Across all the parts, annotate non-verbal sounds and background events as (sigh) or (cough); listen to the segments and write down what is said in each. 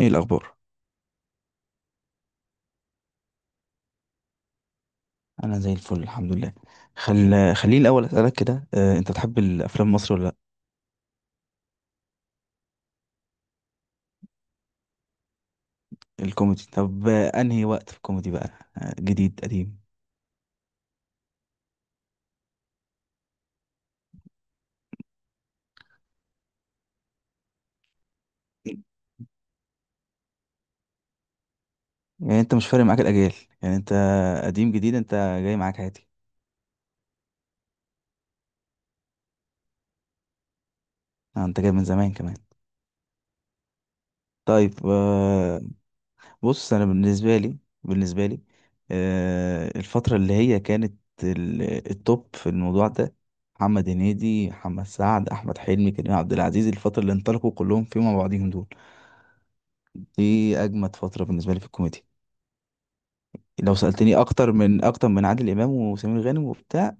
ايه الاخبار؟ انا زي الفل، الحمد لله. خل... خليني الاول اسالك كده، انت بتحب الافلام مصر ولا لا؟ الكوميدي. طب انهي وقت في الكوميدي بقى؟ جديد؟ قديم؟ يعني انت مش فارق معاك الاجيال، يعني انت قديم جديد، انت جاي معاك عادي. انت جاي من زمان كمان. طيب بص، انا بالنسبه لي الفتره اللي هي كانت التوب في الموضوع ده، محمد هنيدي، محمد سعد، احمد حلمي، كريم عبد العزيز، الفتره اللي انطلقوا كلهم فيهم مع بعضهم دول، دي اجمد فتره بالنسبه لي في الكوميديا. لو سالتني اكتر من عادل امام وسمير غانم وبتاع،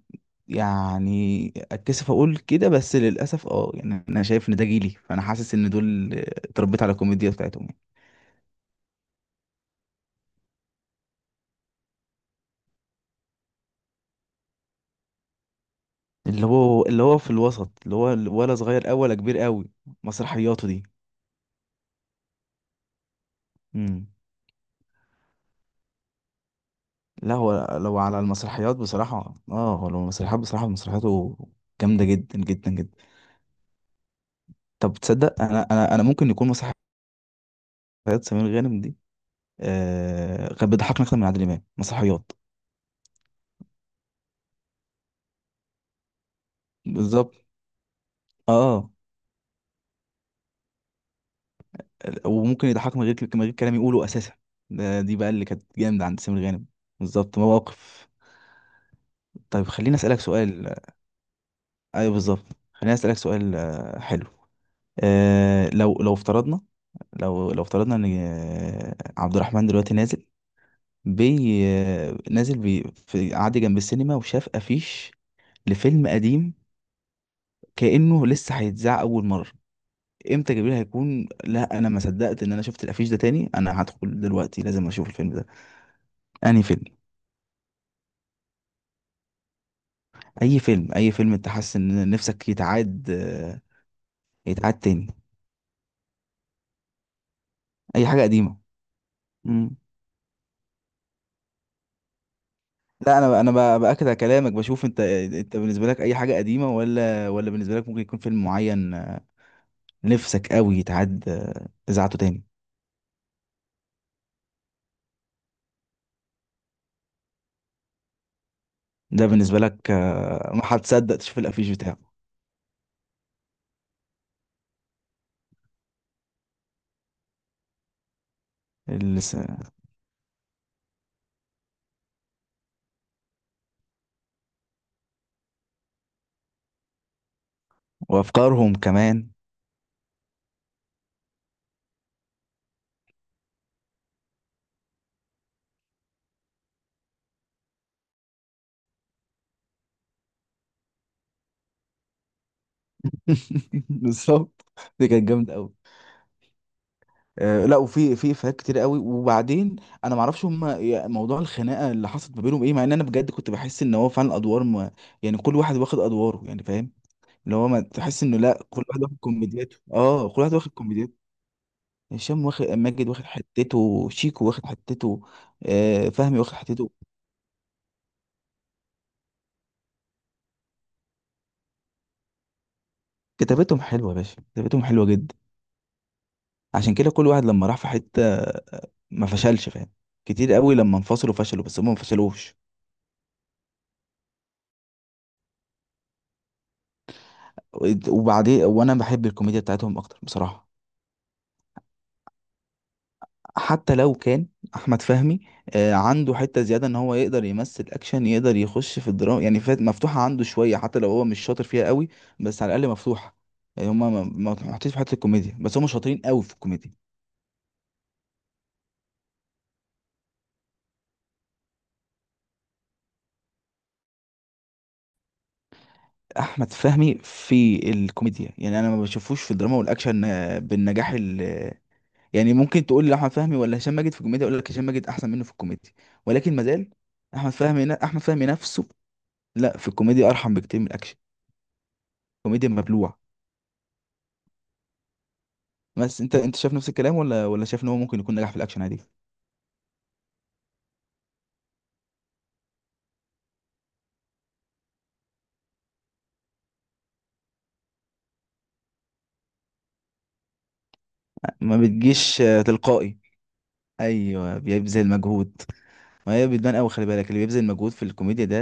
يعني اتكسف اقول كده، بس للاسف يعني انا شايف ان ده جيلي، فانا حاسس ان دول اتربيت على الكوميديا بتاعتهم يعني. اللي هو في الوسط، اللي هو ولا صغير قوي ولا كبير قوي. مسرحياته دي. امم. لا، هو لو على المسرحيات بصراحه، مسرحياته جامده جدا جدا جدا. طب تصدق، انا ممكن يكون مسرحيات سمير غانم دي كان بيضحكني اكتر من عادل امام. مسرحيات. بالظبط. اه. وممكن يضحك من غير كلام يقوله اساسا. دي بقى اللي كانت جامده عند سمير غانم. بالظبط، مواقف. طيب خليني اسالك سؤال. ايوه بالظبط. خليني اسالك سؤال حلو. لو افترضنا، لو افترضنا ان عبد الرحمن دلوقتي نازل، بي آه، نازل بي، في قعد جنب السينما وشاف افيش لفيلم قديم كأنه لسه هيتذاع اول مره، امتى جبريل هيكون؟ لا انا ما صدقت ان انا شفت الافيش ده تاني، انا هدخل دلوقتي لازم اشوف الفيلم ده. انهي فيلم؟ اي فيلم انت حاسس ان نفسك يتعاد يتعاد تاني؟ اي حاجه قديمه. مم. لا، انا باكد على كلامك، بشوف انت بالنسبه لك اي حاجه قديمه ولا بالنسبه لك ممكن يكون فيلم معين، نفسك قوي يتعاد اذاعته تاني؟ ده بالنسبه لك ما هتصدق تشوف الافيش بتاعه. الس- وافكارهم كمان. (laughs) بالظبط، دي كانت جامده قوي. لا، وفي افيهات كتير قوي. وبعدين انا ما اعرفش هم موضوع الخناقه اللي حصلت ما بينهم ايه، مع ان انا بجد كنت بحس ان هو فعلا ادوار ما، يعني كل واحد واخد ادواره يعني، فاهم؟ اللي هو ما تحس انه لا، كل واحد واخد كوميدياته، كل واحد واخد كوميدياته. هشام واخد، ماجد واخد حتته، شيكو واخد حتته، فهمي واخد حتته. كتابتهم حلوه يا باشا، كتابتهم حلوه جدا. عشان كده كل واحد لما راح في حته ما فشلش، فاهم؟ كتير قوي لما انفصلوا فشلوا، بس هم ما فشلوش. وبعدين وانا بحب الكوميديا بتاعتهم اكتر بصراحه. حتى لو كان احمد فهمي عنده حته زياده ان هو يقدر يمثل اكشن، يقدر يخش في الدراما، يعني فات مفتوحه عنده شويه، حتى لو هو مش شاطر فيها قوي، بس على الاقل مفتوحه. يعني هما ما محطوطين في حته الكوميديا بس، هما شاطرين قوي في الكوميديا. احمد فهمي في الكوميديا، يعني انا ما بشوفوش في الدراما والاكشن بالنجاح ال آه، يعني ممكن تقول لي احمد فهمي ولا هشام ماجد في الكوميديا، اقول لك هشام ماجد احسن منه في الكوميديا، ولكن مازال احمد فهمي نفسه لا، في الكوميديا ارحم بكتير من الاكشن. الكوميديا مبلوع. بس انت شايف نفس الكلام ولا شايف ان هو ممكن يكون نجح في الاكشن عادي؟ ما بتجيش تلقائي. ايوه بيبذل مجهود. ما هي بتبان قوي، خلي بالك اللي بيبذل مجهود في الكوميديا ده،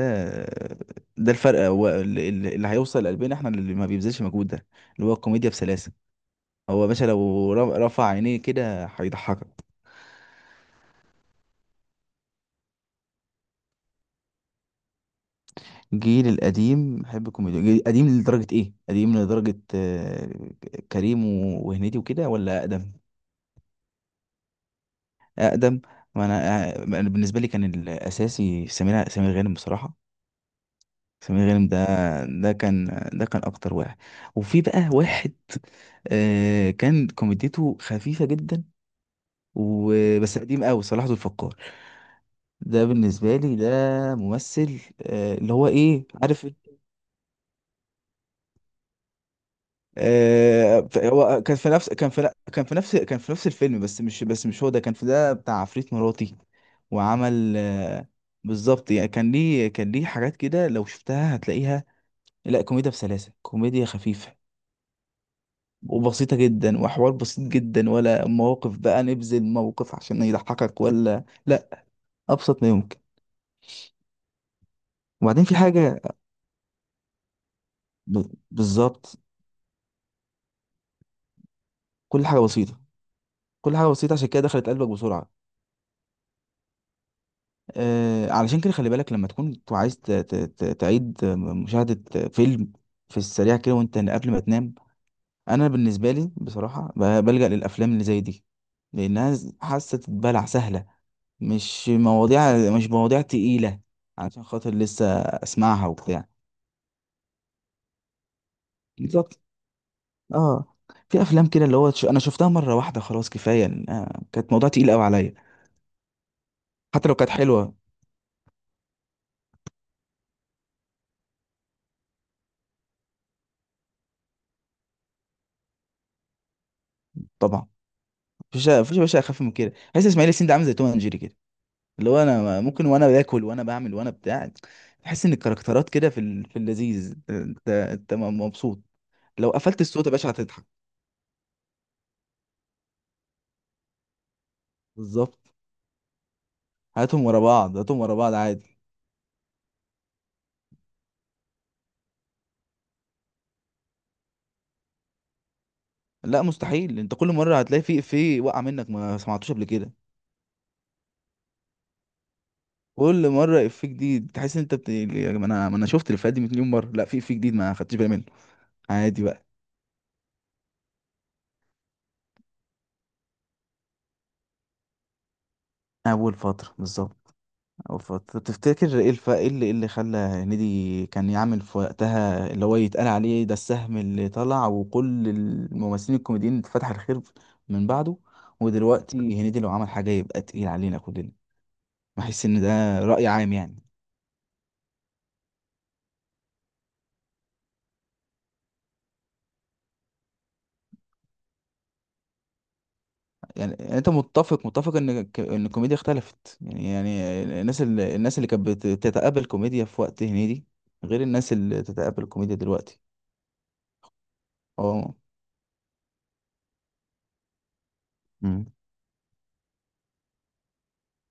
ده الفرق. هو اللي هيوصل لقلبنا احنا اللي ما بيبذلش مجهود ده، اللي هو الكوميديا بسلاسه. هو يا باشا لو رفع عينيه كده هيضحكك. الجيل القديم بحب الكوميديا، قديم لدرجه ايه؟ قديم لدرجه كريم وهنيدي وكده، ولا اقدم؟ اقدم. ما انا، أنا بالنسبه لي كان الاساسي سمير غانم بصراحه. سمير غانم ده، ده كان، ده كان اكتر واحد. وفي بقى واحد كان كوميديته خفيفه جدا وبس، قديم قوي، صلاح ذو الفقار. ده بالنسبه لي ده ممثل اللي هو، ايه، عارف؟ هو كان في نفس كان في نفس الفيلم، بس مش هو ده، كان في ده بتاع عفريت مراتي. وعمل بالظبط. يعني كان ليه حاجات كده لو شفتها هتلاقيها لا، كوميديا بسلاسة، كوميديا خفيفة وبسيطة جدا، وحوار بسيط جدا، ولا مواقف بقى نبذل موقف عشان يضحكك ولا لا، أبسط ما يمكن. وبعدين في حاجة، ب... بالظبط، كل حاجة بسيطة. كل حاجة بسيطة عشان كده دخلت قلبك بسرعة. علشان كده خلي بالك لما تكون عايز تعيد مشاهدة فيلم في السريع كده وانت قبل ما تنام، انا بالنسبة لي بصراحة بلجأ للافلام اللي زي دي، لانها حاسة تتبلع سهلة، مش مواضيع تقيلة، علشان خاطر لسه اسمعها وبتاع. بالظبط. اه. في افلام كده اللي هو انا شفتها مرة واحدة خلاص، كفاية كانت موضوع تقيل قوي عليا، حتى لو كانت حلوة. طبعا. مفيش يا باشا اخف من كده، حاسس اسماعيل ياسين ده عامل زي توم اند جيري كده، اللي هو انا ممكن وانا باكل وانا بعمل وانا بتاع تحس ان الكاركترات كده في اللذيذ، انت مبسوط. لو قفلت الصوت يا باشا هتضحك. بالظبط، هاتهم ورا بعض، هاتهم ورا بعض عادي. لا مستحيل، انت كل مره هتلاقي في افيه وقع منك ما سمعتوش قبل كده. كل مره افيه جديد تحس ان انت يعني، ما انا شفت الافيهات دي مليون مره، لا في افيه جديد ما خدتش بالي منه. عادي بقى. اول فتره بالظبط. تفتكر ايه الف... ايه اللي إيه اللي خلى هنيدي كان يعمل في وقتها اللي هو يتقال عليه ده السهم اللي طلع وكل الممثلين الكوميديين اتفتح الخير من بعده، ودلوقتي هنيدي لو عمل حاجة يبقى تقيل علينا كلنا؟ بحس ان ده رأي عام يعني. يعني انت متفق ان ان الكوميديا اختلفت يعني؟ يعني الناس اللي كانت بتتقبل كوميديا في وقت هنيدي غير الناس اللي تتقبل الكوميديا دلوقتي. اه. أمم.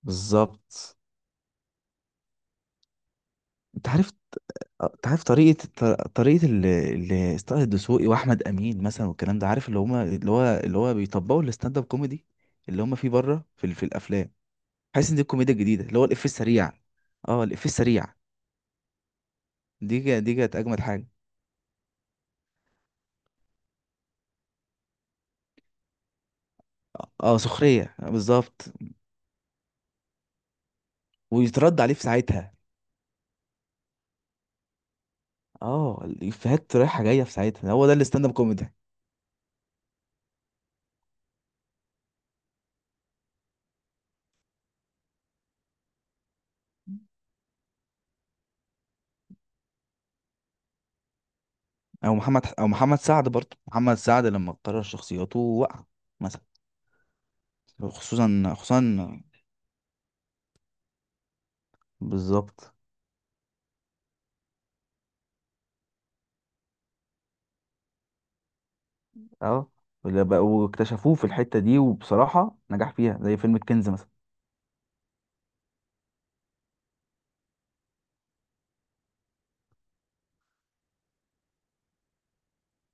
بالظبط. انت عارف. انت عارف طريقة طه الدسوقي واحمد امين مثلا والكلام ده، عارف اللي هو بيطبقوا الستاند اب كوميدي اللي هما فيه بره في الافلام. حاسس ان دي الكوميديا الجديدة، اللي هو الافيه السريع. اه، الافيه السريع. دي كانت اجمد حاجة. اه، سخرية، بالظبط. ويترد عليه في ساعتها. اه، الافيهات رايحة جاية في ساعتها، هو ده الستاند اب كوميدي. او محمد سعد برضه، محمد سعد لما قرر شخصياته وقع مثلا. خصوصا خصوصا. بالظبط اه. واكتشفوه في الحتة دي، وبصراحة نجح فيها زي فيلم الكنز مثلا.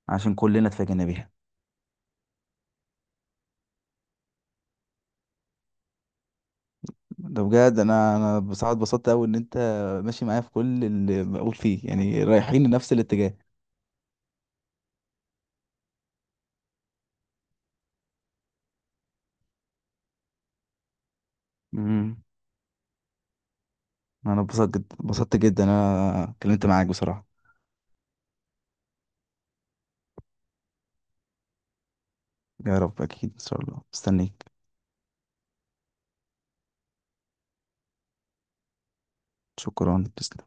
عشان كلنا اتفاجئنا بيها. ده بجد انا بصراحه اتبسطت قوي ان انت ماشي معايا في كل اللي بقول فيه، يعني رايحين لنفس الاتجاه. امم. انا اتبسطت جدا اتبسطت جدا، انا اتكلمت معاك بصراحه. يا رب اكيد ان شاء الله، مستنيك. شكرا، تسلم.